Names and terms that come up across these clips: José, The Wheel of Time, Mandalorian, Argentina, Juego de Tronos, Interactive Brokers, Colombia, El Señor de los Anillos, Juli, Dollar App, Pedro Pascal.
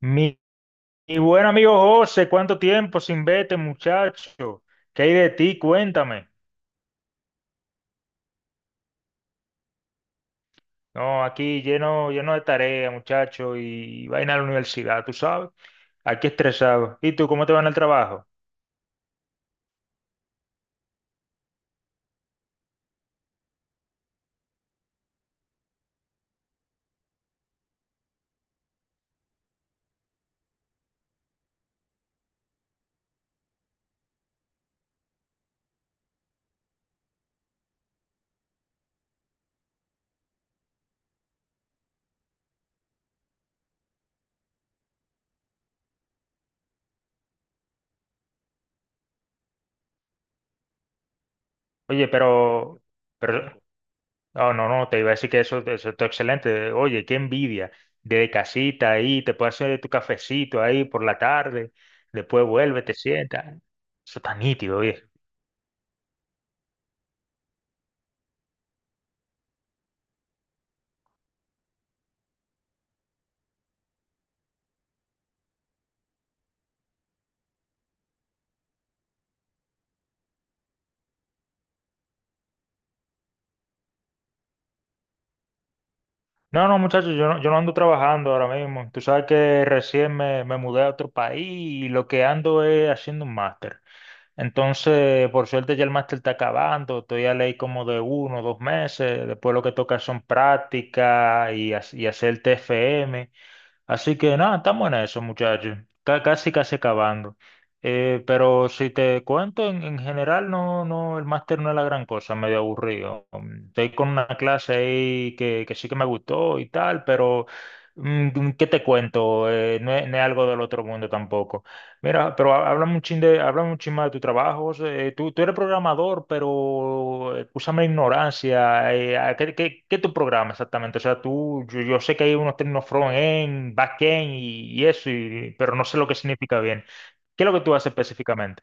Mi, mi buen amigo José, ¿cuánto tiempo sin verte, muchacho? ¿Qué hay de ti? Cuéntame. No, aquí lleno, lleno de tarea, muchacho, y vaina a la universidad, tú sabes. Aquí estresado. ¿Y tú cómo te va en el trabajo? Oye, pero, no, no, no, te iba a decir que eso está excelente. Oye, qué envidia. De casita ahí, te puedes hacer tu cafecito ahí por la tarde, después vuelve, te sientas. Eso está nítido. No, no, muchachos, yo no ando trabajando ahora mismo. Tú sabes que recién me mudé a otro país y lo que ando es haciendo un máster. Entonces, por suerte ya el máster está acabando. Estoy a ley como de uno o dos meses. Después lo que toca son prácticas y hacer TFM. Así que nada, estamos en eso, muchachos. Está casi, casi acabando. Pero si te cuento, en general no, el máster no es la gran cosa, medio aburrido. Estoy con una clase ahí que sí que me gustó y tal, pero ¿qué te cuento? No es algo del otro mundo tampoco. Mira, pero háblame un háblame un chin más de tu trabajo. José. Tú eres programador, pero úsame ignorancia. ¿A qué tu programa exactamente? O sea, yo sé que hay unos términos front-end, back-end y eso, pero no sé lo que significa. ¿Qué es lo que tú haces específicamente?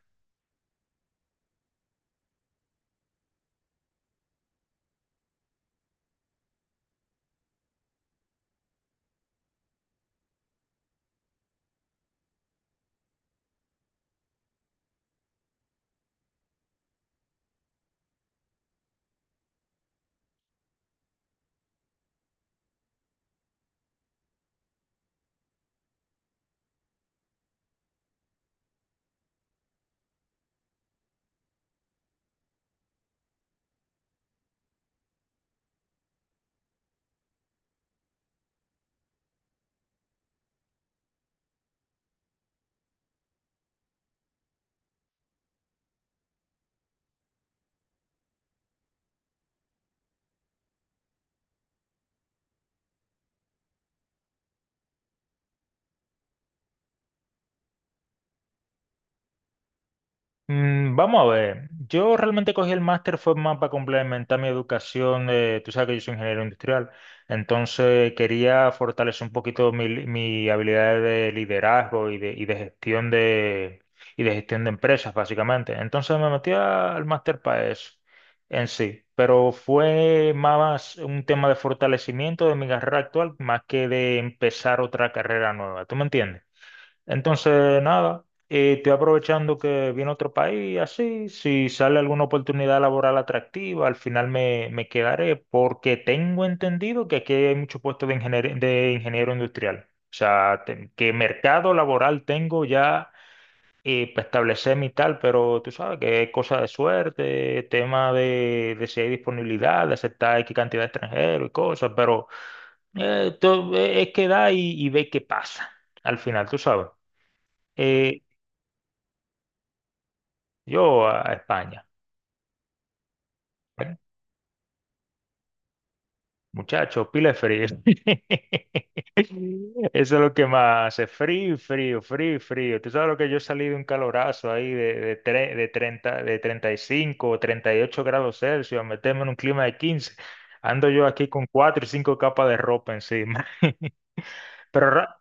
Vamos a ver, yo realmente cogí el máster fue más para complementar mi educación, tú sabes que yo soy ingeniero industrial, entonces quería fortalecer un poquito mi habilidad de liderazgo y de gestión y de gestión de empresas, básicamente. Entonces me metí al máster para eso en sí, pero fue más un tema de fortalecimiento de mi carrera actual más que de empezar otra carrera nueva, ¿tú me entiendes? Entonces, nada, y estoy aprovechando que viene otro país, así, si sale alguna oportunidad laboral atractiva, al final me quedaré, porque tengo entendido que aquí hay muchos puestos de de ingeniero industrial. O sea, que mercado laboral tengo ya para establecer mi tal, pero tú sabes que es cosa de suerte, tema de si hay disponibilidad, de aceptar X cantidad de extranjeros y cosas, pero es quedar y ver qué pasa al final, tú sabes. Eh, Yo a España. Bueno, muchachos, pila de frío. Eso es lo que más hace. Frío, frío, frío, frío. Tú sabes lo que yo salí de un calorazo ahí de 35 o 38 °C a meterme en un clima de 15. Ando yo aquí con 4 y 5 capas de ropa encima. Pero ra-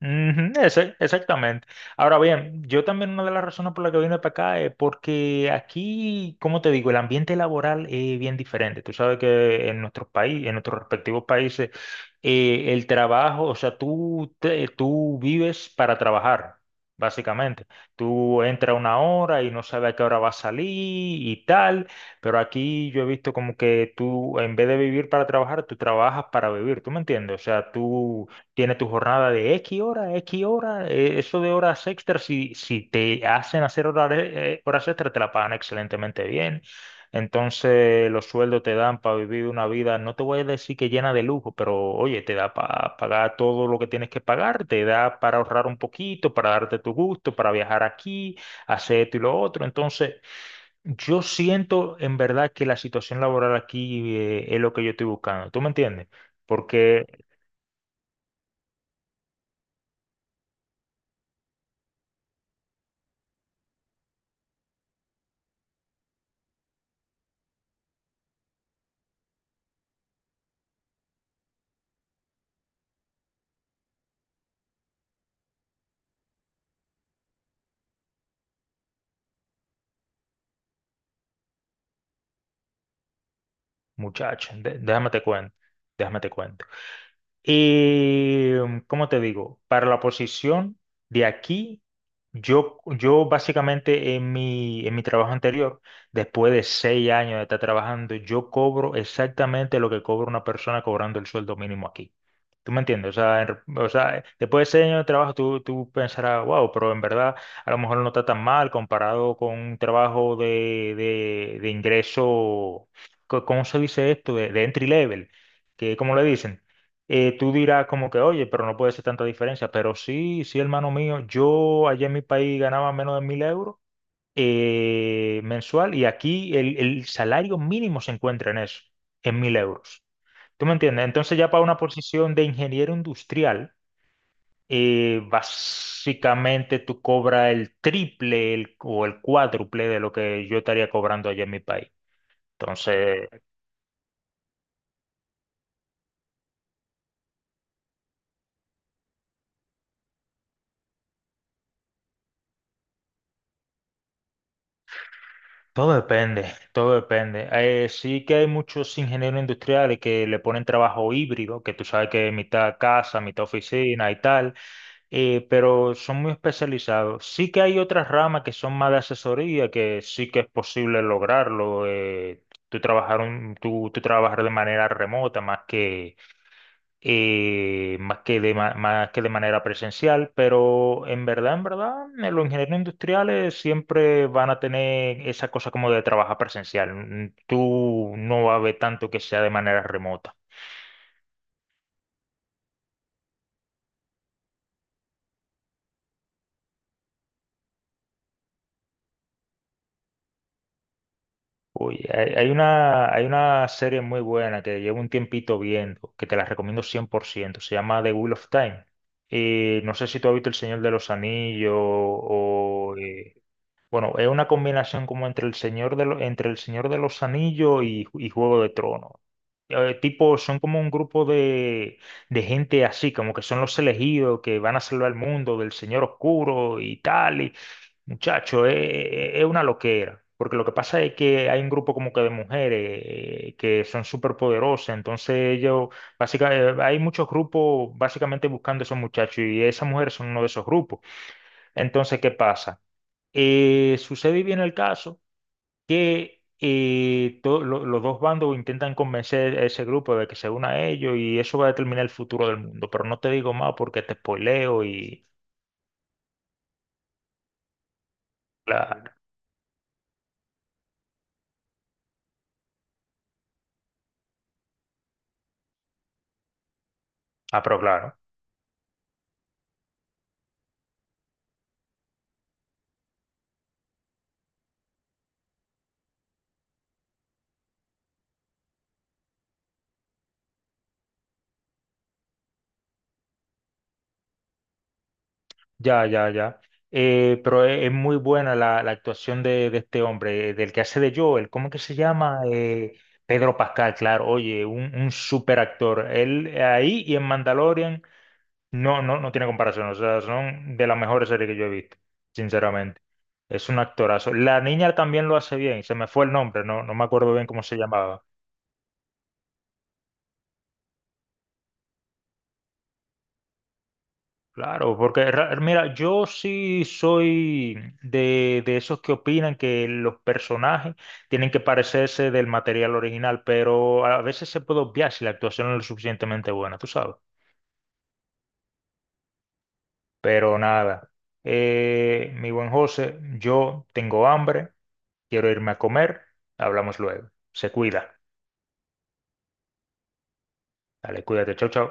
Ujú, ese, exactamente. Ahora bien, yo también una de las razones por las que vine para acá es porque aquí, como te digo, el ambiente laboral es bien diferente. Tú sabes que en nuestros países, en nuestros respectivos países, el trabajo, o sea, tú vives para trabajar, básicamente. Tú entras una hora y no sabes a qué hora vas a salir y tal, pero aquí yo he visto como que tú, en vez de vivir para trabajar, tú trabajas para vivir, ¿tú me entiendes? O sea, tú... Tiene tu jornada de X hora, eso de horas extras, si te hacen hacer horas, horas extras, te la pagan excelentemente bien. Entonces, los sueldos te dan para vivir una vida, no te voy a decir que llena de lujo, pero oye, te da para pagar todo lo que tienes que pagar, te da para ahorrar un poquito, para darte tu gusto, para viajar aquí, hacer esto y lo otro. Entonces, yo siento en verdad que la situación laboral aquí es lo que yo estoy buscando. ¿Tú me entiendes? Porque muchacho, déjame te cuento, déjame te cuento. ¿Cómo te digo? Para la posición de aquí, yo básicamente en mi trabajo anterior, después de 6 años de estar trabajando, yo cobro exactamente lo que cobra una persona cobrando el sueldo mínimo aquí. ¿Tú me entiendes? O sea, o sea, después de 6 años de trabajo, tú pensarás, wow, pero en verdad a lo mejor no está tan mal comparado con un trabajo de ingreso, ¿cómo se dice esto? De entry level, que como le dicen tú dirás como que, oye, pero no puede ser tanta diferencia. Pero sí, sí, hermano mío, yo allá en mi país ganaba menos de 1000 € mensual y aquí el salario mínimo se encuentra en eso, en mil euros. ¿Tú me entiendes? Entonces ya para una posición de ingeniero industrial, básicamente tú cobras el triple o el cuádruple de lo que yo estaría cobrando allá en mi país. Entonces, todo depende, todo depende. Sí que hay muchos ingenieros industriales que le ponen trabajo híbrido, que tú sabes que es mitad casa, mitad oficina y tal, pero son muy especializados. Sí que hay otras ramas que son más de asesoría, que sí que es posible lograrlo. Tú trabajar de manera remota más que más que de manera presencial, pero en verdad, los ingenieros industriales siempre van a tener esa cosa como de trabajar presencial. Tú no vas a ver tanto que sea de manera remota. Uy, hay una serie muy buena que llevo un tiempito viendo, que te la recomiendo 100%. Se llama The Wheel of Time. No sé si tú has visto El Señor de los Anillos o... bueno, es una combinación como entre el entre el Señor de los Anillos y Juego de Tronos. Tipo, son como un grupo de gente así, como que son los elegidos que van a salvar el mundo del Señor Oscuro y tal. Muchacho, es una loquera. Porque lo que pasa es que hay un grupo como que de mujeres que son súper poderosas. Entonces ellos, básicamente, hay muchos grupos básicamente buscando a esos muchachos y esas mujeres son uno de esos grupos. Entonces, ¿qué pasa? Sucede y viene el caso que los dos bandos intentan convencer a ese grupo de que se una a ellos y eso va a determinar el futuro del mundo. Pero no te digo más porque te spoileo y... claro. Ah, pero claro. Ya, ya, ya. Pero es muy buena la actuación de este hombre, del que hace de Joel. ¿Cómo que se llama? Pedro Pascal, claro. Oye, un super actor. Él ahí y en Mandalorian. No tiene comparación. O sea, son de las mejores series que yo he visto, sinceramente. Es un actorazo. La niña también lo hace bien. Se me fue el nombre, no me acuerdo bien cómo se llamaba. Claro, porque mira, yo sí soy de esos que opinan que los personajes tienen que parecerse del material original, pero a veces se puede obviar si la actuación no es lo suficientemente buena, tú sabes. Pero nada, mi buen José, yo tengo hambre. Quiero irme a comer, hablamos luego. Se cuida. Dale, cuídate, chau, chau.